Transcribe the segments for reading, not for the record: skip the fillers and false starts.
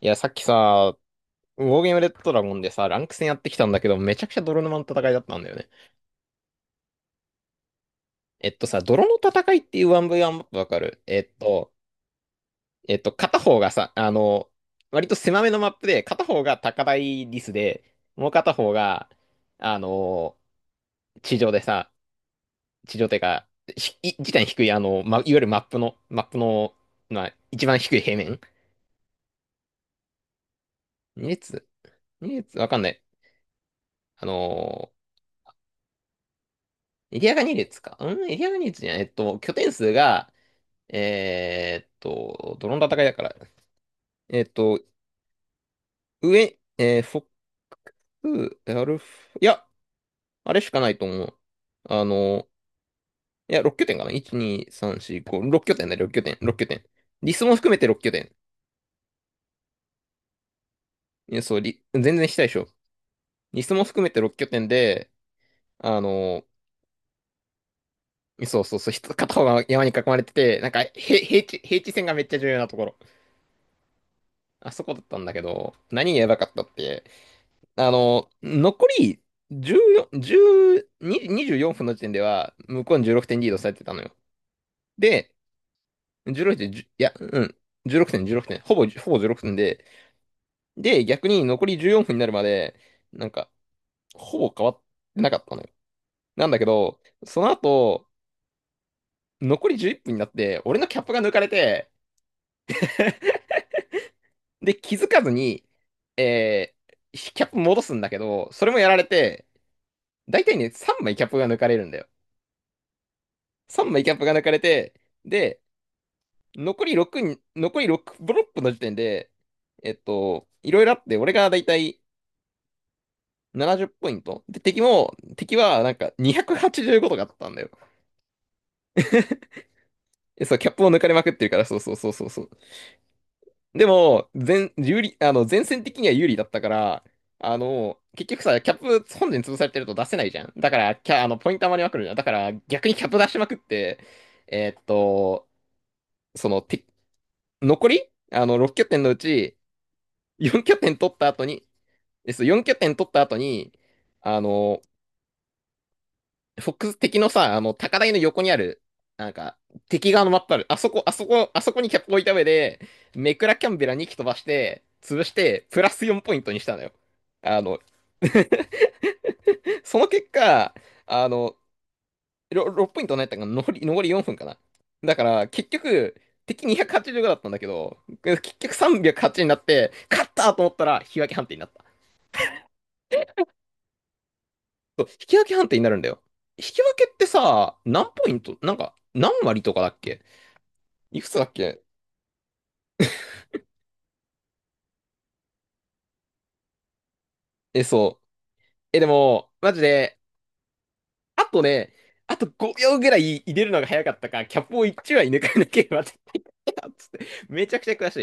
いや、さっきさ、ウォーゲームレッドドラゴンでさ、ランク戦やってきたんだけど、めちゃくちゃ泥沼の戦いだったんだよね。えっとさ、泥の戦いっていう 1V1 マップわかる片方がさ、割と狭めのマップで、片方が高台リスで、もう片方が、あの、地上でさ、地上っていうか、地点低い、いわゆるマップの、一番低い平面。二列、わかんない。あの、エリアが2列かエリアが2列じゃない。えっと、拠点数が、どの戦いだから。えーっと、上、えー、フォック、アルフ、いや、あれしかないと思う。あの、6拠点かな？ 1、2、3、4、5、6拠点だよ、6拠点。リスも含めて6拠点。全然したでしょ。リスも含めて6拠点で、あの、片方が山に囲まれてて、平地、平地線がめっちゃ重要なところ。あそこだったんだけど、何がやばかったって、残り14、10、24分の時点では、向こうに16点リードされてたのよ。で、16点、1いや、うん、16点、16点、ほぼ16点で、で、逆に残り14分になるまで、なんか、ほぼ変わってなかったのよ。なんだけど、その後、残り11分になって、俺のキャップが抜かれて、で、気づかずに、えキャップ戻すんだけど、それもやられて、大体ね、3枚キャップが抜かれるんだよ。3枚キャップが抜かれて、で、残り6に、残り6ブロックの時点で、えっと、いろいろあって、俺がだいたい70ポイント。で、敵はなんか285とかあったんだよ。え、そう、キャップを抜かれまくってるから、そうそうそう。でも、有利、前線的には有利だったから、結局さ、キャップ本陣潰されてると出せないじゃん。だから、キャ、あの、ポイント余りまくるじゃん。だから、逆にキャップ出しまくって、えっと、その、て、残り6拠点のうち、4拠点取った後に、で、そう、4拠点取った後に、あの、フォックス敵のさ、高台の横にある、なんか、敵側のマップある。あそこ、あそこ、あそこにキャップ置いた上で、メクラキャンベラ2機飛ばして、潰して、プラス4ポイントにしたのよ。あの、その結果、あの、6ポイントになったかな、残り4分かな。だから、結局、敵285だったんだけど、結局380になって、勝ったと思ったら、引き分け判定になった。そう引き分け判定になるんだよ。引き分けってさ、何ポイントなんか、何割とかだっけ？いくつだっけ？え、そう。え、でも、マジで、あとね、あと5秒ぐらい入れるのが早かったか、キャップを1枚抜かなければ絶対勝てたっつって、めちゃくちゃ悔し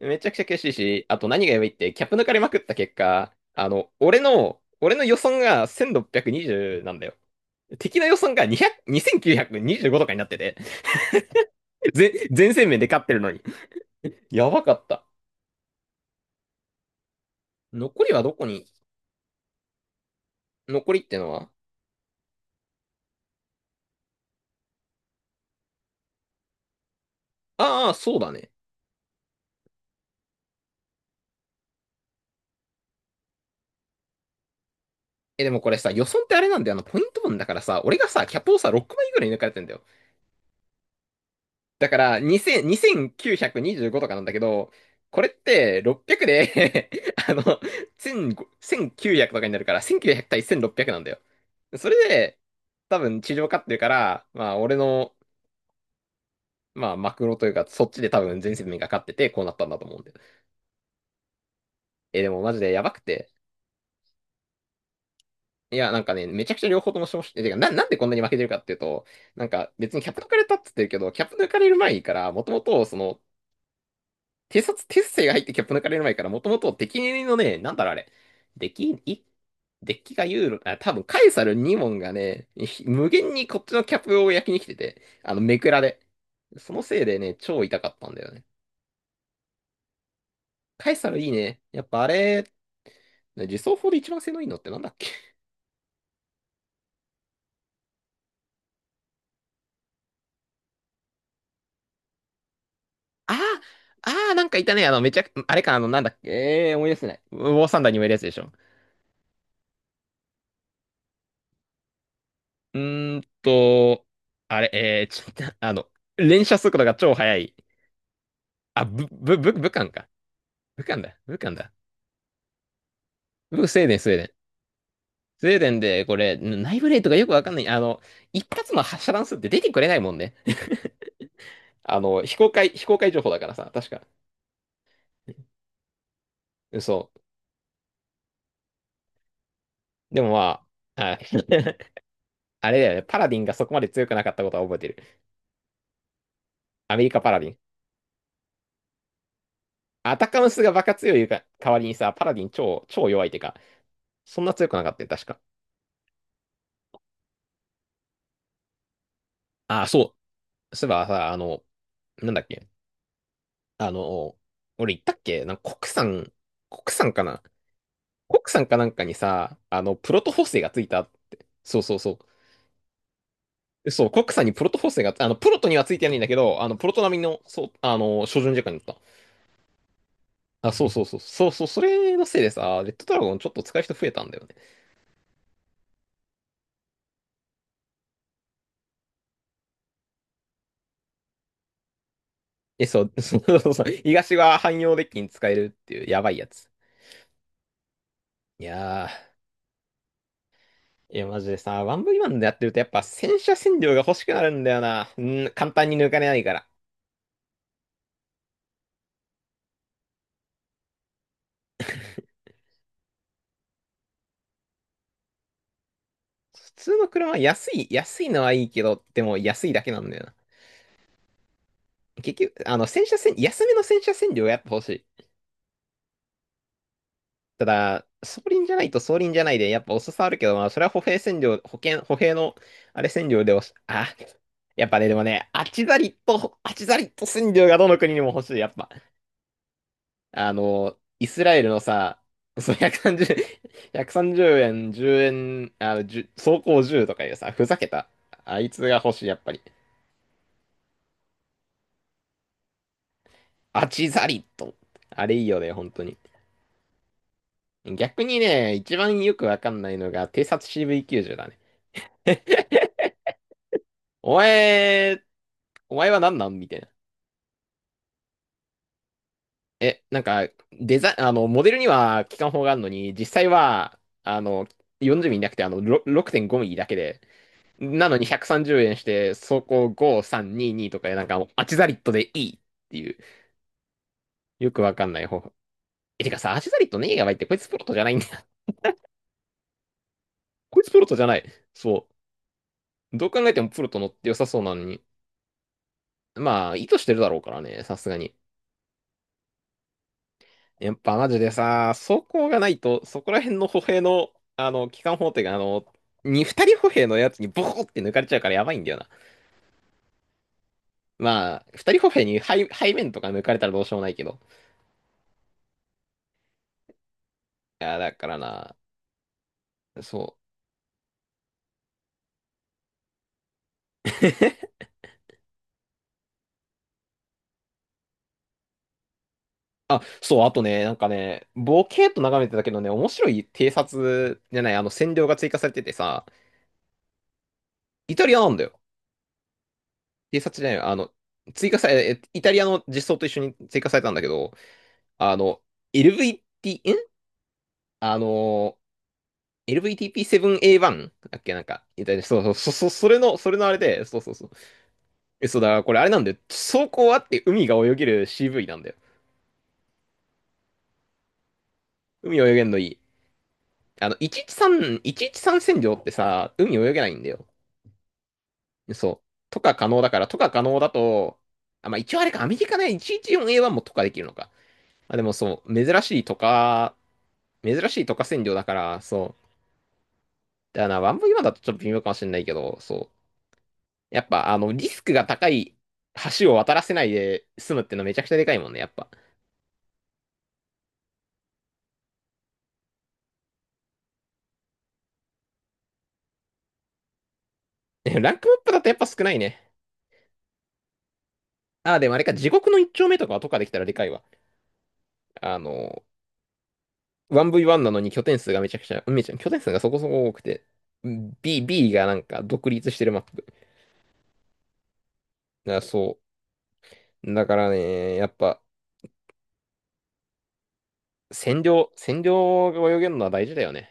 い。めちゃくちゃ悔しいし、あと何がやばいって、キャップ抜かれまくった結果、俺の予算が1,620なんだよ。敵の予算が200、2,925とかになってて、全戦面で勝ってるのに。やばかった。残りはどこに？残りってのは？ああ、そうだね。え、でもこれさ、予算ってあれなんだよ。ポイント分だからさ、俺がさ、キャップをさ、6枚ぐらい抜かれてんだよ。だから、2000、2,925とかなんだけど、これって600で あの、1500 1900とかになるから、1900対1600なんだよ。それで、多分地上勝ってるから、まあ、マクロというか、そっちで多分全世界が勝ってて、こうなったんだと思うんだよ。え、でもマジでやばくて。めちゃくちゃ両方とも消費、てか、な、なんでこんなに負けてるかっていうと、なんか別にキャップ抜かれたって言ってるけど、キャップ抜かれる前から、もともと、偵察、鉄星が入ってキャップ抜かれる前から、もともと敵のね、なんだろうあれ、デッキ、い、デッキがユーロ、あ、多分カエサル2問がね、無限にこっちのキャップを焼きに来てて、めくらで。そのせいでね、超痛かったんだよね。カエサルいいね。やっぱあれ、ね自走砲で一番性能いいのってなんだっけ？あああ、なんかいたね。あの、めちゃく、あれか、あの、なんだっけ、ええー思い出せない。ウォーサンダーにもいるやつでしょ。うーんと、あれ、ええちょっと、連射速度が超速い。あ、ぶ、ぶ、ぶ、武漢か。武漢だ。ぶ、スウェーデン、スウェーデン。スウェーデンで、これ、内部レートがよくわかんない。一発の発射弾数って出てくれないもんね。あの、非公開情報だからさ、確か。嘘。でもまあ、あ あれだよね。パラディンがそこまで強くなかったことは覚えてる。アメリカパラディン。アタカムスがバカ強い代わりにさ、パラディン超、超弱いってか、そんな強くなかったよ、確か。ああ、そう。そういえばさ、なんだっけ。あの、俺言ったっけ？なんか国産、国産かな？国産かなんかにさ、プロト補正がついたって。そうそうそう。そう、国産にプロト補正が、プロトにはついてないんだけど、プロト並みの、そう、照準時間になった。あ、そうそうそう。そうそう、それのせいでさ、レッドドラゴンちょっと使う人増えたんだよね。え、そう、そうそうそう。東は汎用デッキに使えるっていう、やばいやつ。いやマジでさ、ワンブイワンでやってるとやっぱ洗車洗量が欲しくなるんだよな。うん、簡単に抜かれないから。普通の車は安い、安いのはいいけど、でも安いだけなんだよな。結局、あの、洗車洗、安めの洗車洗量がやっぱ欲しい。ただ、装輪じゃないで、やっぱ遅さあるけど、それは歩兵洗量、保険、歩兵の、あれ洗量でおし、あ、やっぱね、でもね、あちざりと洗量がどの国にも欲しい、やっぱ。イスラエルのさ、その130、1 3円、10円、10走行じゅうとかいうさ、ふざけた。あいつが欲しい、やっぱり。アチザリット。あれいいよね、本当に。逆にね、一番よくわかんないのが、偵察 CV90 だね。お前、お前は何なんみたいな。え、なんか、デザイン、あの、モデルには機関砲があるのに、実際は、40ミリなくて、6.5ミリだけで、なのに130円して、走行5,322とかでなんかもうアチザリットでいいっていう、よくわかんない方法。え、てかさ、アチザリットねえやばいって、こいつプロトじゃないんだよ。こいつプロトじゃない。そう。どう考えてもプロト乗って良さそうなのに。まあ、意図してるだろうからね、さすがに。やっぱマジでさ、走行がないと、そこら辺の歩兵の、機関砲手が、二人歩兵のやつにボコって抜かれちゃうからやばいんだよな。まあ、二人歩兵に背、背面とか抜かれたらどうしようもないけど。いや、だからな、そう。あ、そう、あとね、なんかね、ボケーっと眺めてたけどね、面白い偵察じゃない、占領が追加されててさ、イタリアなんだよ。偵察じゃない、あの、追加され、えイタリアの実装と一緒に追加されたんだけど、あの、LVT、んあの、LVTP7A1 だっけ？なんか、イタリア、それの、それのあれで、そうそうそう。え、そうだから、これあれなんだよ。走行あって海が泳げる CV なんだよ。海泳げんのいい。113占領ってさ、海泳げないんだよ。そう。とか可能だと、あ、まあ一応あれか、アメリカね、114A1 もとかできるのか。まあでもそう、珍しいとか占領だから、そう。だからな、ワンブイワンだとちょっと微妙かもしれないけど、そう。やっぱ、リスクが高い橋を渡らせないで済むってのはめちゃくちゃでかいもんね、やっぱ。ねランクマップだとやっぱ少ないね。あ、でもあれか、地獄の一丁目とかはとかできたらでかいわ。あの、1V1 なのに拠点数がめちゃくちゃ、めちゃ、拠点数がそこそこ多くて、B がなんか独立してるマップ。いや、そう。だからね、やっぱ、占領が泳げるのは大事だよね。